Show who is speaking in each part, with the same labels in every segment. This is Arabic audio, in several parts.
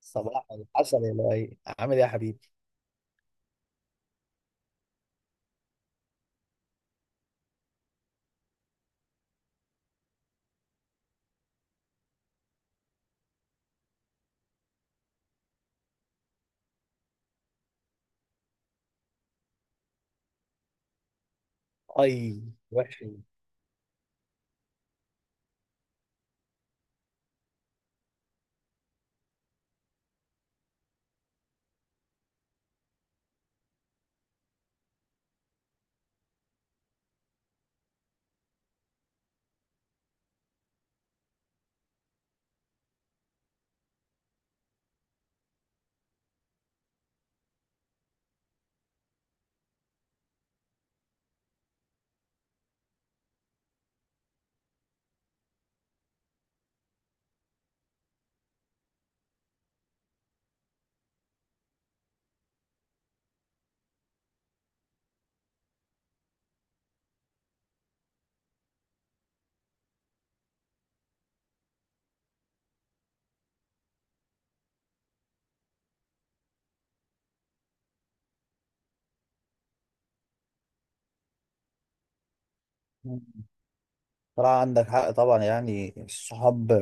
Speaker 1: صباح الحسن يا لؤي، عامل ايه يا حبيبي؟ اي، وحش. صراحة عندك حق طبعا، يعني الصحاب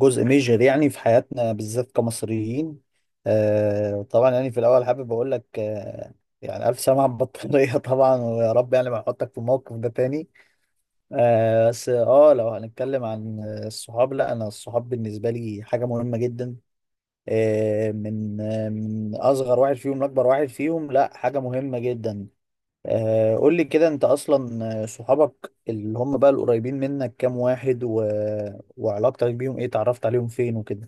Speaker 1: جزء ميجر يعني في حياتنا بالذات كمصريين. آه طبعا، يعني في الاول حابب اقول لك الف سلامة على البطارية طبعا، ويا رب يعني ما احطك في الموقف ده تاني. آه بس اه لو هنتكلم عن الصحاب، لا انا الصحاب بالنسبة لي حاجة مهمة جدا، من اصغر واحد فيهم لاكبر واحد فيهم، لا حاجة مهمة جدا. قول لي كده انت اصلا، صحابك اللي هم بقى القريبين منك كام واحد و... وعلاقتك بيهم ايه؟ اتعرفت عليهم فين وكده؟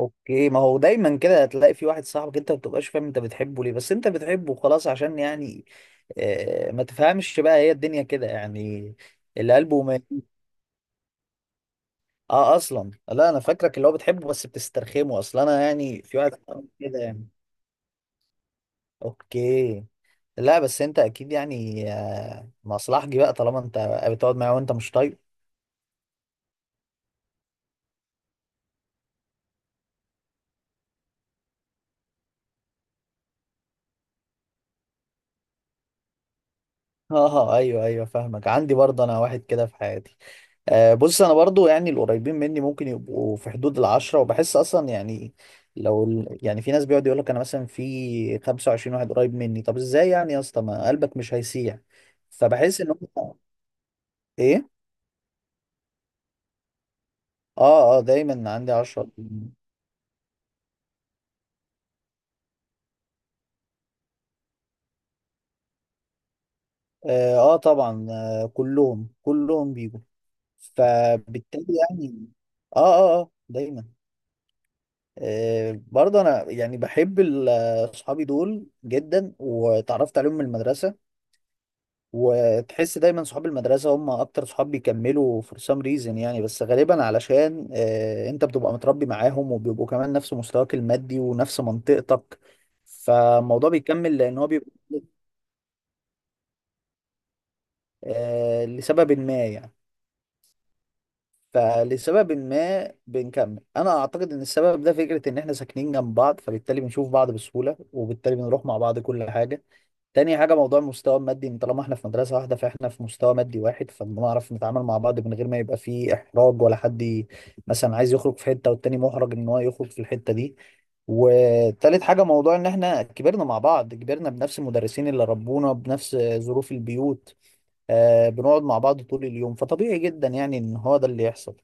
Speaker 1: اوكي، ما هو دايما كده هتلاقي في واحد صاحبك انت ما بتبقاش فاهم انت بتحبه ليه، بس انت بتحبه خلاص عشان يعني، ما تفهمش بقى، هي الدنيا كده يعني. اللي قلبه ما، اه، اصلا لا انا فاكرك اللي هو بتحبه بس بتسترخمه، اصلا انا يعني في واحد صاحبي كده يعني. اوكي. لا بس انت اكيد يعني مصلحجي بقى، طالما انت بتقعد معاه وانت مش طايق. اه ايوه ايوه فاهمك، عندي برضه انا واحد كده في حياتي. آه بص، انا برضه يعني القريبين مني ممكن يبقوا في حدود العشرة، وبحس اصلا يعني لو ال- يعني في ناس بيقعد يقول لك انا مثلا في 25 واحد قريب مني، طب ازاي يعني يا اسطى ما قلبك مش هيسيح؟ فبحس ان هم، ايه؟ اه اه، دايما عندي 10. اه, آه طبعا آه، كلهم بيجوا، فبالتالي يعني. اه اه اه دايما. برضه انا يعني بحب ال- اصحابي دول جدا، وتعرفت عليهم من المدرسه. وتحس دايما صحاب المدرسه هم اكتر صحاب بيكملوا for some reason يعني. بس غالبا علشان انت بتبقى متربي معاهم، وبيبقوا كمان نفس مستواك المادي ونفس منطقتك، فالموضوع بيكمل لان هو بيبقى لسبب ما يعني. فلسبب ما بنكمل، انا اعتقد ان السبب ده فكرة ان احنا ساكنين جنب بعض، فبالتالي بنشوف بعض بسهولة، وبالتالي بنروح مع بعض كل حاجة. تاني حاجة موضوع المستوى المادي، ان طالما احنا في مدرسة واحدة فاحنا في مستوى مادي واحد، فبنعرف نتعامل مع بعض من غير ما يبقى فيه احراج، ولا حد ي- مثلا عايز يخرج في حتة والتاني محرج ان هو يخرج في الحتة دي. وتالت حاجة موضوع ان احنا كبرنا مع بعض، كبرنا بنفس المدرسين اللي ربونا بنفس ظروف البيوت. آه بنقعد مع بعض طول اليوم، فطبيعي جدا يعني ان هو ده اللي يحصل.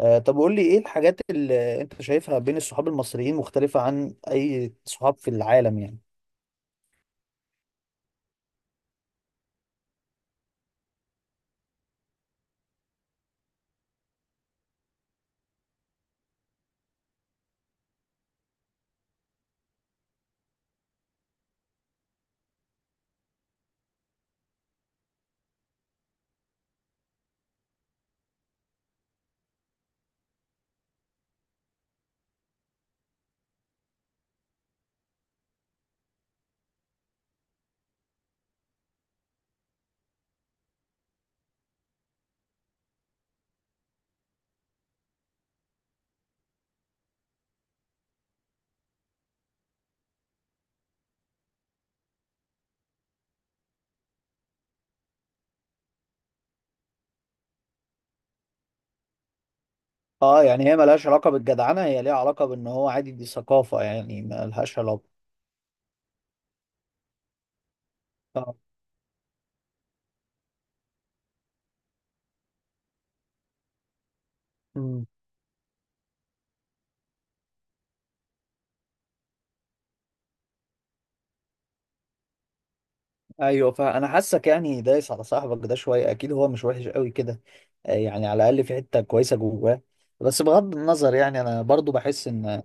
Speaker 1: طب قول لي ايه الحاجات اللي انت شايفها بين الصحاب المصريين مختلفة عن اي صحاب في العالم يعني؟ اه يعني هي ملهاش علاقة بالجدعنة، هي ليها علاقة بان هو عادي، دي ثقافة يعني، ملهاش علاقة. اه. امم. ايوه، فانا حاسك يعني دايس على صاحبك ده شوية، اكيد هو مش وحش قوي كده، يعني على الاقل في حتة كويسة جواه. بس بغض النظر، يعني انا برضو بحس ان،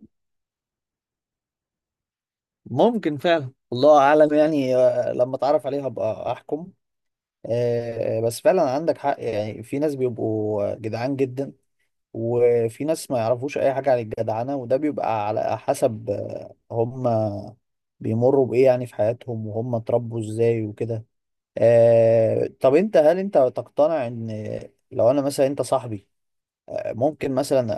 Speaker 1: ممكن فعلا، الله اعلم يعني، لما اتعرف عليه هبقى احكم. بس فعلا عندك حق، يعني في ناس بيبقوا جدعان جدا، وفي ناس ما يعرفوش اي حاجة عن الجدعنة، وده بيبقى على حسب هم بيمروا بايه يعني في حياتهم، وهم اتربوا ازاي وكده. طب انت هل انت تقتنع ان لو انا مثلا انت صاحبي، آه، ممكن مثلا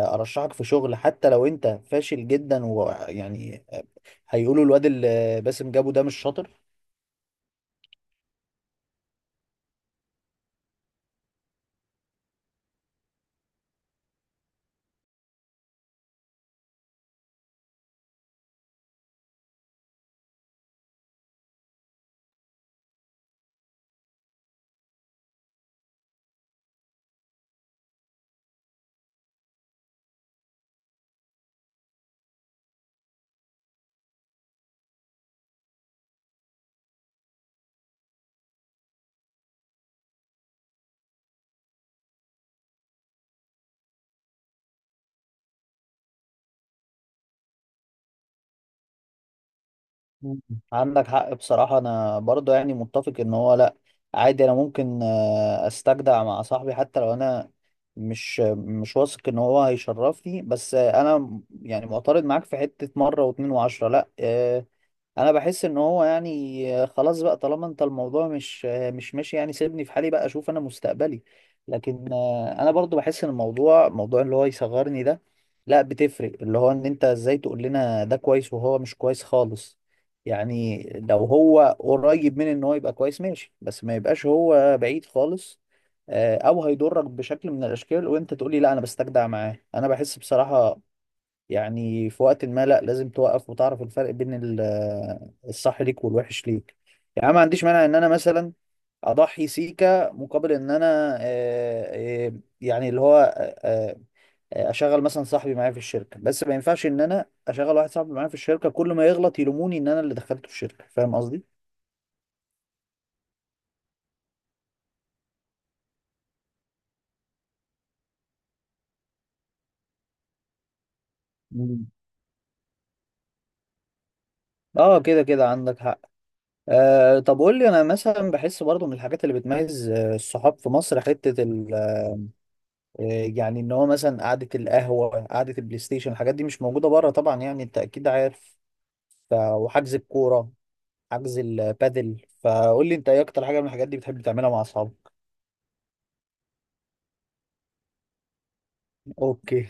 Speaker 1: آه، ارشحك في شغل حتى لو انت فاشل جدا ويعني هيقولوا الواد اللي باسم جابه ده مش شاطر؟ مم. عندك حق بصراحة، أنا برضه يعني متفق إن هو لأ، عادي، أنا ممكن أستجدع مع صاحبي حتى لو أنا مش واثق إن هو هيشرفني. بس أنا م- يعني معترض معاك في حتة مرة واتنين وعشرة لأ، انا بحس ان هو يعني خلاص بقى، طالما انت الموضوع مش ماشي يعني، سيبني في حالي بقى اشوف انا مستقبلي. لكن انا برضو بحس ان الموضوع، موضوع اللي هو يصغرني ده، لا بتفرق، اللي هو ان انت ازاي تقول لنا ده كويس وهو مش كويس خالص يعني؟ لو هو قريب من ان هو يبقى كويس ماشي، بس ما يبقاش هو بعيد خالص، او هيضرك بشكل من الاشكال وانت تقولي لا انا بستجدع معاه. انا بحس بصراحة يعني في وقت ما لا، لازم توقف وتعرف الفرق بين ال- الصح ليك والوحش ليك. يعني أنا ما عنديش مانع ان انا مثلا اضحي سيكا مقابل ان انا آه، آه، يعني اللي هو آه، آه، اشغل مثلا صاحبي معايا في الشركه. بس ما ينفعش ان انا اشغل واحد صاحبي معايا في الشركه كل ما يغلط يلوموني ان انا اللي دخلته الشركه، فاهم قصدي؟ مم. اه كده كده عندك حق. آه طب قول لي، انا مثلا بحس برضو من الحاجات اللي بتميز الصحاب في مصر حته، آه، يعني ان هو مثلا قعده القهوه، قعده البلاي ستيشن، الحاجات دي مش موجوده بره طبعا يعني، انت اكيد عارف. ف... وحجز الكوره، حجز البادل، فقول لي انت ايه اكتر حاجه من الحاجات دي بتحب تعملها مع اصحابك؟ اوكي.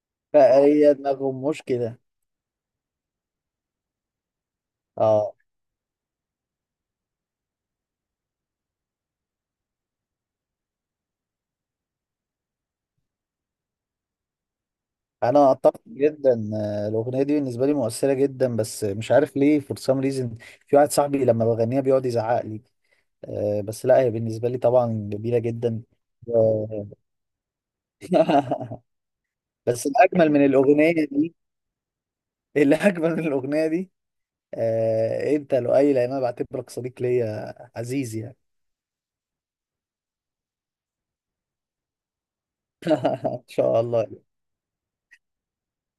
Speaker 1: فهي دماغهم مش كده. اه انا اتفق جدا، الاغنيه دي بالنسبه لي مؤثره جدا، بس مش عارف ليه، فور سام ريزن في واحد صاحبي لما بغنيها بيقعد يزعق لي. بس لا، هي بالنسبه لي طبعا جميله جدا. و- بس الاجمل من الاغنيه، اللي أجمل من الأغنية دي، آه، أنت لؤي، لأن أنا بعتبرك صديق ليا عزيز يعني. إن شاء الله.